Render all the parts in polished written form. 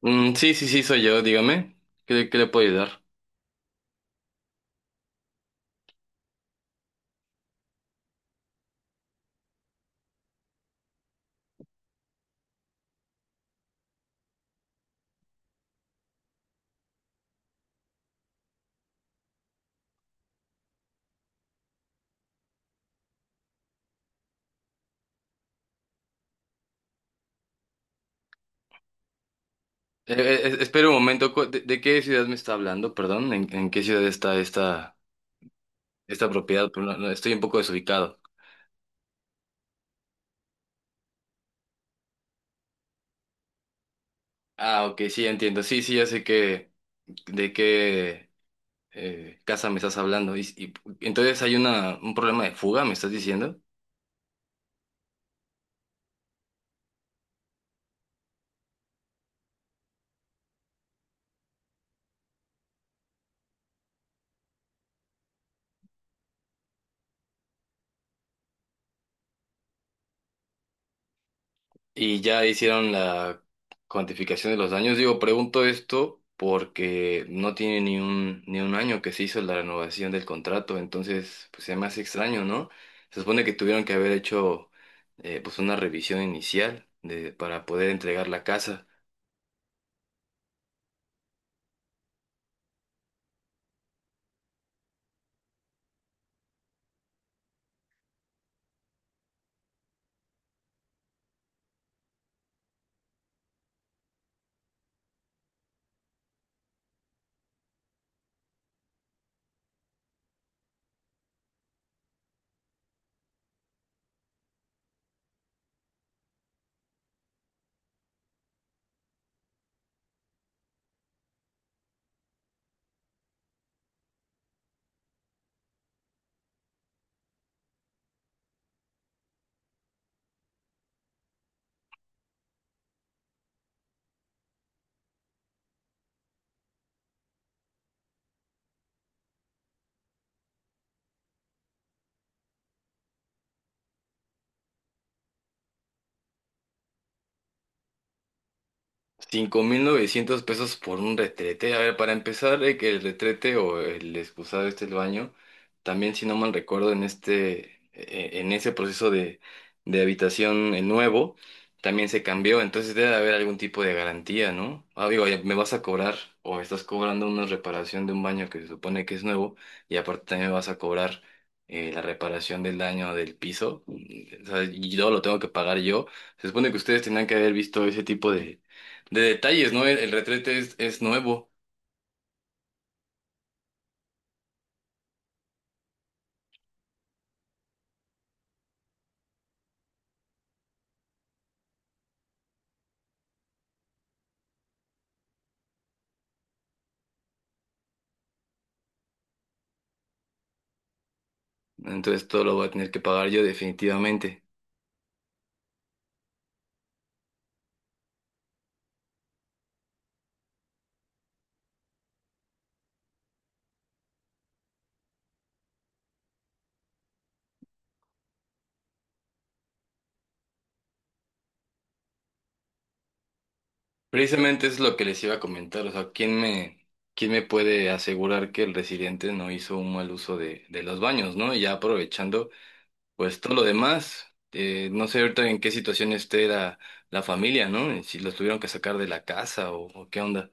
Mm, sí, sí, sí, soy yo, dígame. ¿Qué le puedo ayudar? Eh, espera un momento, ¿De qué ciudad me está hablando? Perdón, ¿en qué ciudad está esta propiedad? Pero no, estoy un poco desubicado. Ah, ok, sí, entiendo. Sí, sí, ya sé que, de qué casa me estás hablando. Y entonces hay un problema de fuga, ¿me estás diciendo? Y ya hicieron la cuantificación de los daños. Digo, pregunto esto porque no tiene ni un año que se hizo la renovación del contrato, entonces pues se me hace extraño, ¿no? Se supone que tuvieron que haber hecho pues una revisión inicial de, para poder entregar la casa. 5,900 pesos por un retrete. A ver, para empezar, que el retrete o el excusado este el baño, también si no mal recuerdo, en ese proceso de habitación nuevo, también se cambió. Entonces debe de haber algún tipo de garantía, ¿no? Ah, digo, ya me vas a cobrar o me estás cobrando una reparación de un baño que se supone que es nuevo y aparte también me vas a cobrar la reparación del daño del piso. O sea, y yo lo tengo que pagar yo. Se supone que ustedes tenían que haber visto ese tipo de detalles, ¿no? El retrete es nuevo, entonces todo lo voy a tener que pagar yo definitivamente. Precisamente es lo que les iba a comentar, o sea, ¿quién me puede asegurar que el residente no hizo un mal uso de los baños, ¿no? Y ya aprovechando, pues todo lo demás, no sé ahorita en qué situación esté la familia, ¿no? Si los tuvieron que sacar de la casa o qué onda.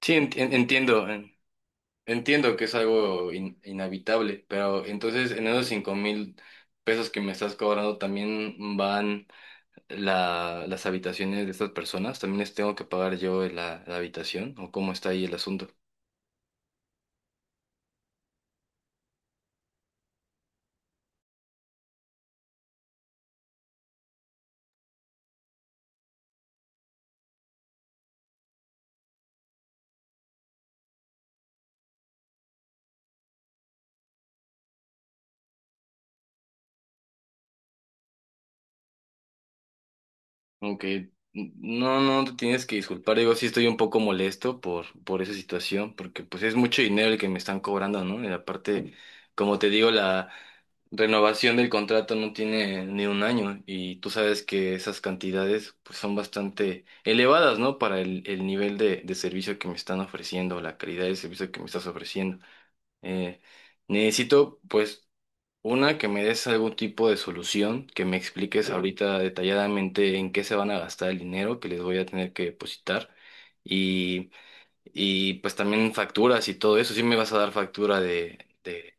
Sí, entiendo. Entiendo que es algo inhabitable, pero entonces en esos 5,000 pesos que me estás cobrando también van las habitaciones de estas personas, también les tengo que pagar yo la habitación o cómo está ahí el asunto. Aunque no, no te tienes que disculpar, digo, sí estoy un poco molesto por esa situación, porque pues es mucho dinero el que me están cobrando, ¿no? Y aparte, como te digo, renovación del contrato no tiene ni un año y tú sabes que esas cantidades pues son bastante elevadas, ¿no? Para el nivel de servicio que me están ofreciendo, la calidad de servicio que me estás ofreciendo. Eh, Necesito pues una que me des algún tipo de solución, que me expliques ahorita detalladamente en qué se van a gastar el dinero que les voy a tener que depositar. Y, y pues también facturas y todo eso. Sí me vas a dar factura de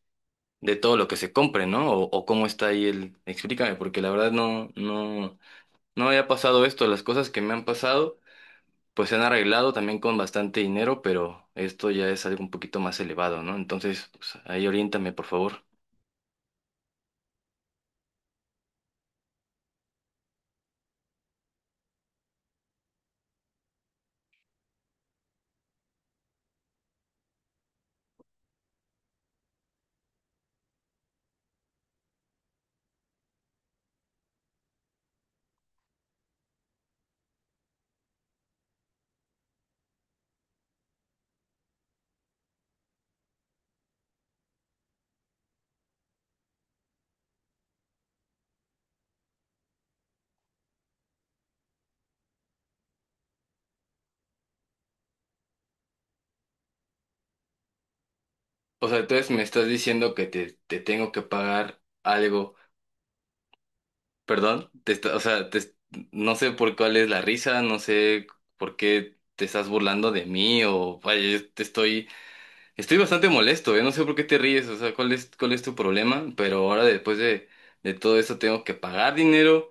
de todo lo que se compre, ¿no? O cómo está ahí el... Explícame, porque la verdad no había pasado esto. Las cosas que me han pasado, pues se han arreglado también con bastante dinero, pero esto ya es algo un poquito más elevado, ¿no? Entonces, pues, ahí oriéntame, por favor. O sea, entonces me estás diciendo que te tengo que pagar algo, perdón, te está- o sea, te- no sé por cuál es la risa, no sé por qué te estás burlando de mí o vaya, yo te estoy. Estoy bastante molesto, no sé por qué te ríes, o sea, cuál es tu problema, pero ahora después de todo eso tengo que pagar dinero,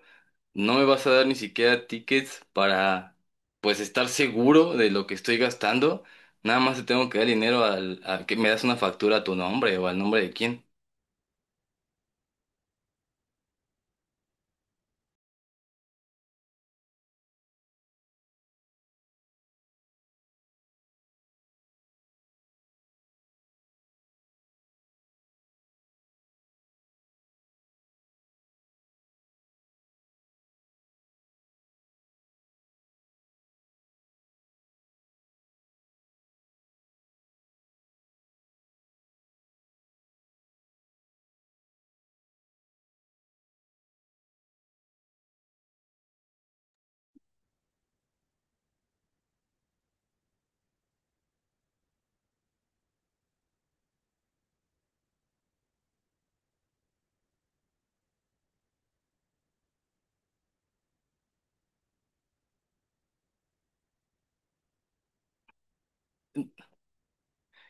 no me vas a dar ni siquiera tickets para, pues, estar seguro de lo que estoy gastando, nada más te tengo que dar dinero a que me das una factura a tu nombre o al nombre de quién.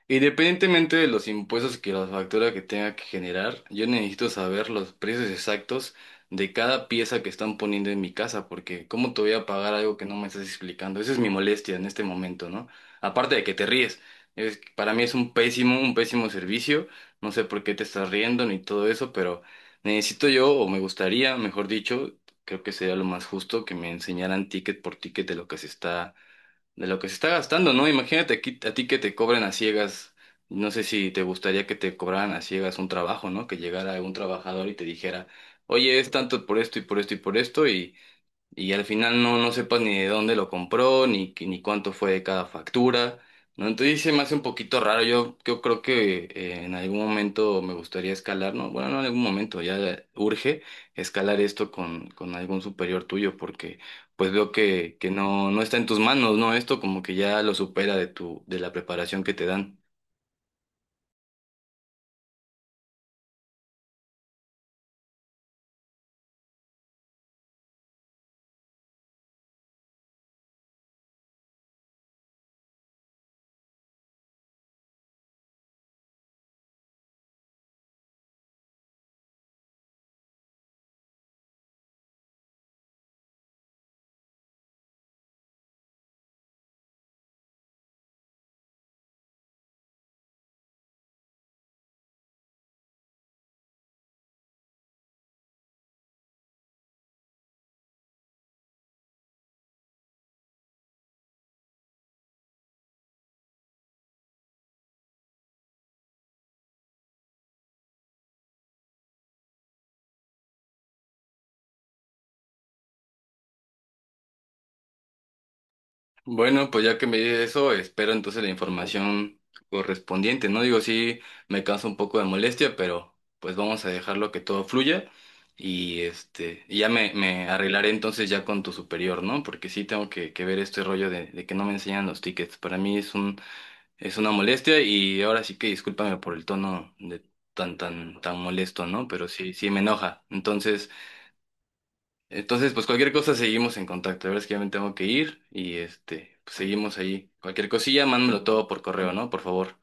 Independientemente de los impuestos que la factura que tenga que generar, yo necesito saber los precios exactos de cada pieza que están poniendo en mi casa, porque ¿cómo te voy a pagar algo que no me estás explicando? Esa es mi molestia en este momento, ¿no? Aparte de que te ríes, para mí es un pésimo servicio, no sé por qué te estás riendo ni todo eso, pero necesito yo, o me gustaría, mejor dicho, creo que sería lo más justo que me enseñaran ticket por ticket de lo que se está gastando, ¿no? Imagínate aquí, a ti que te cobren a ciegas. No sé si te gustaría que te cobraran a ciegas un trabajo, ¿no? Que llegara un trabajador y te dijera, oye, es tanto por esto y por esto y por esto y al final no sepas ni de dónde lo compró, ni cuánto fue de cada factura, ¿no? Entonces sí se me hace un poquito raro, yo creo que en algún momento me gustaría escalar, ¿no? Bueno, no en algún momento, ya urge escalar esto con algún superior tuyo, porque pues veo que no está en tus manos, ¿no? Esto como que ya lo supera de tu, de la preparación que te dan. Bueno, pues ya que me dices eso, espero entonces la información correspondiente, ¿no? Digo, sí, me causa un poco de molestia, pero pues vamos a dejarlo que todo fluya y este, y ya me arreglaré entonces ya con tu superior, ¿no? Porque sí tengo que ver este rollo de que no me enseñan los tickets. Para mí es una molestia y ahora sí que discúlpame por el tono de tan, tan, tan molesto, ¿no? Pero sí, sí me enoja. Entonces... Entonces, pues cualquier cosa seguimos en contacto. La verdad es que ya me tengo que ir y este, pues seguimos ahí. Cualquier cosilla, mándamelo todo por correo, ¿no? Por favor.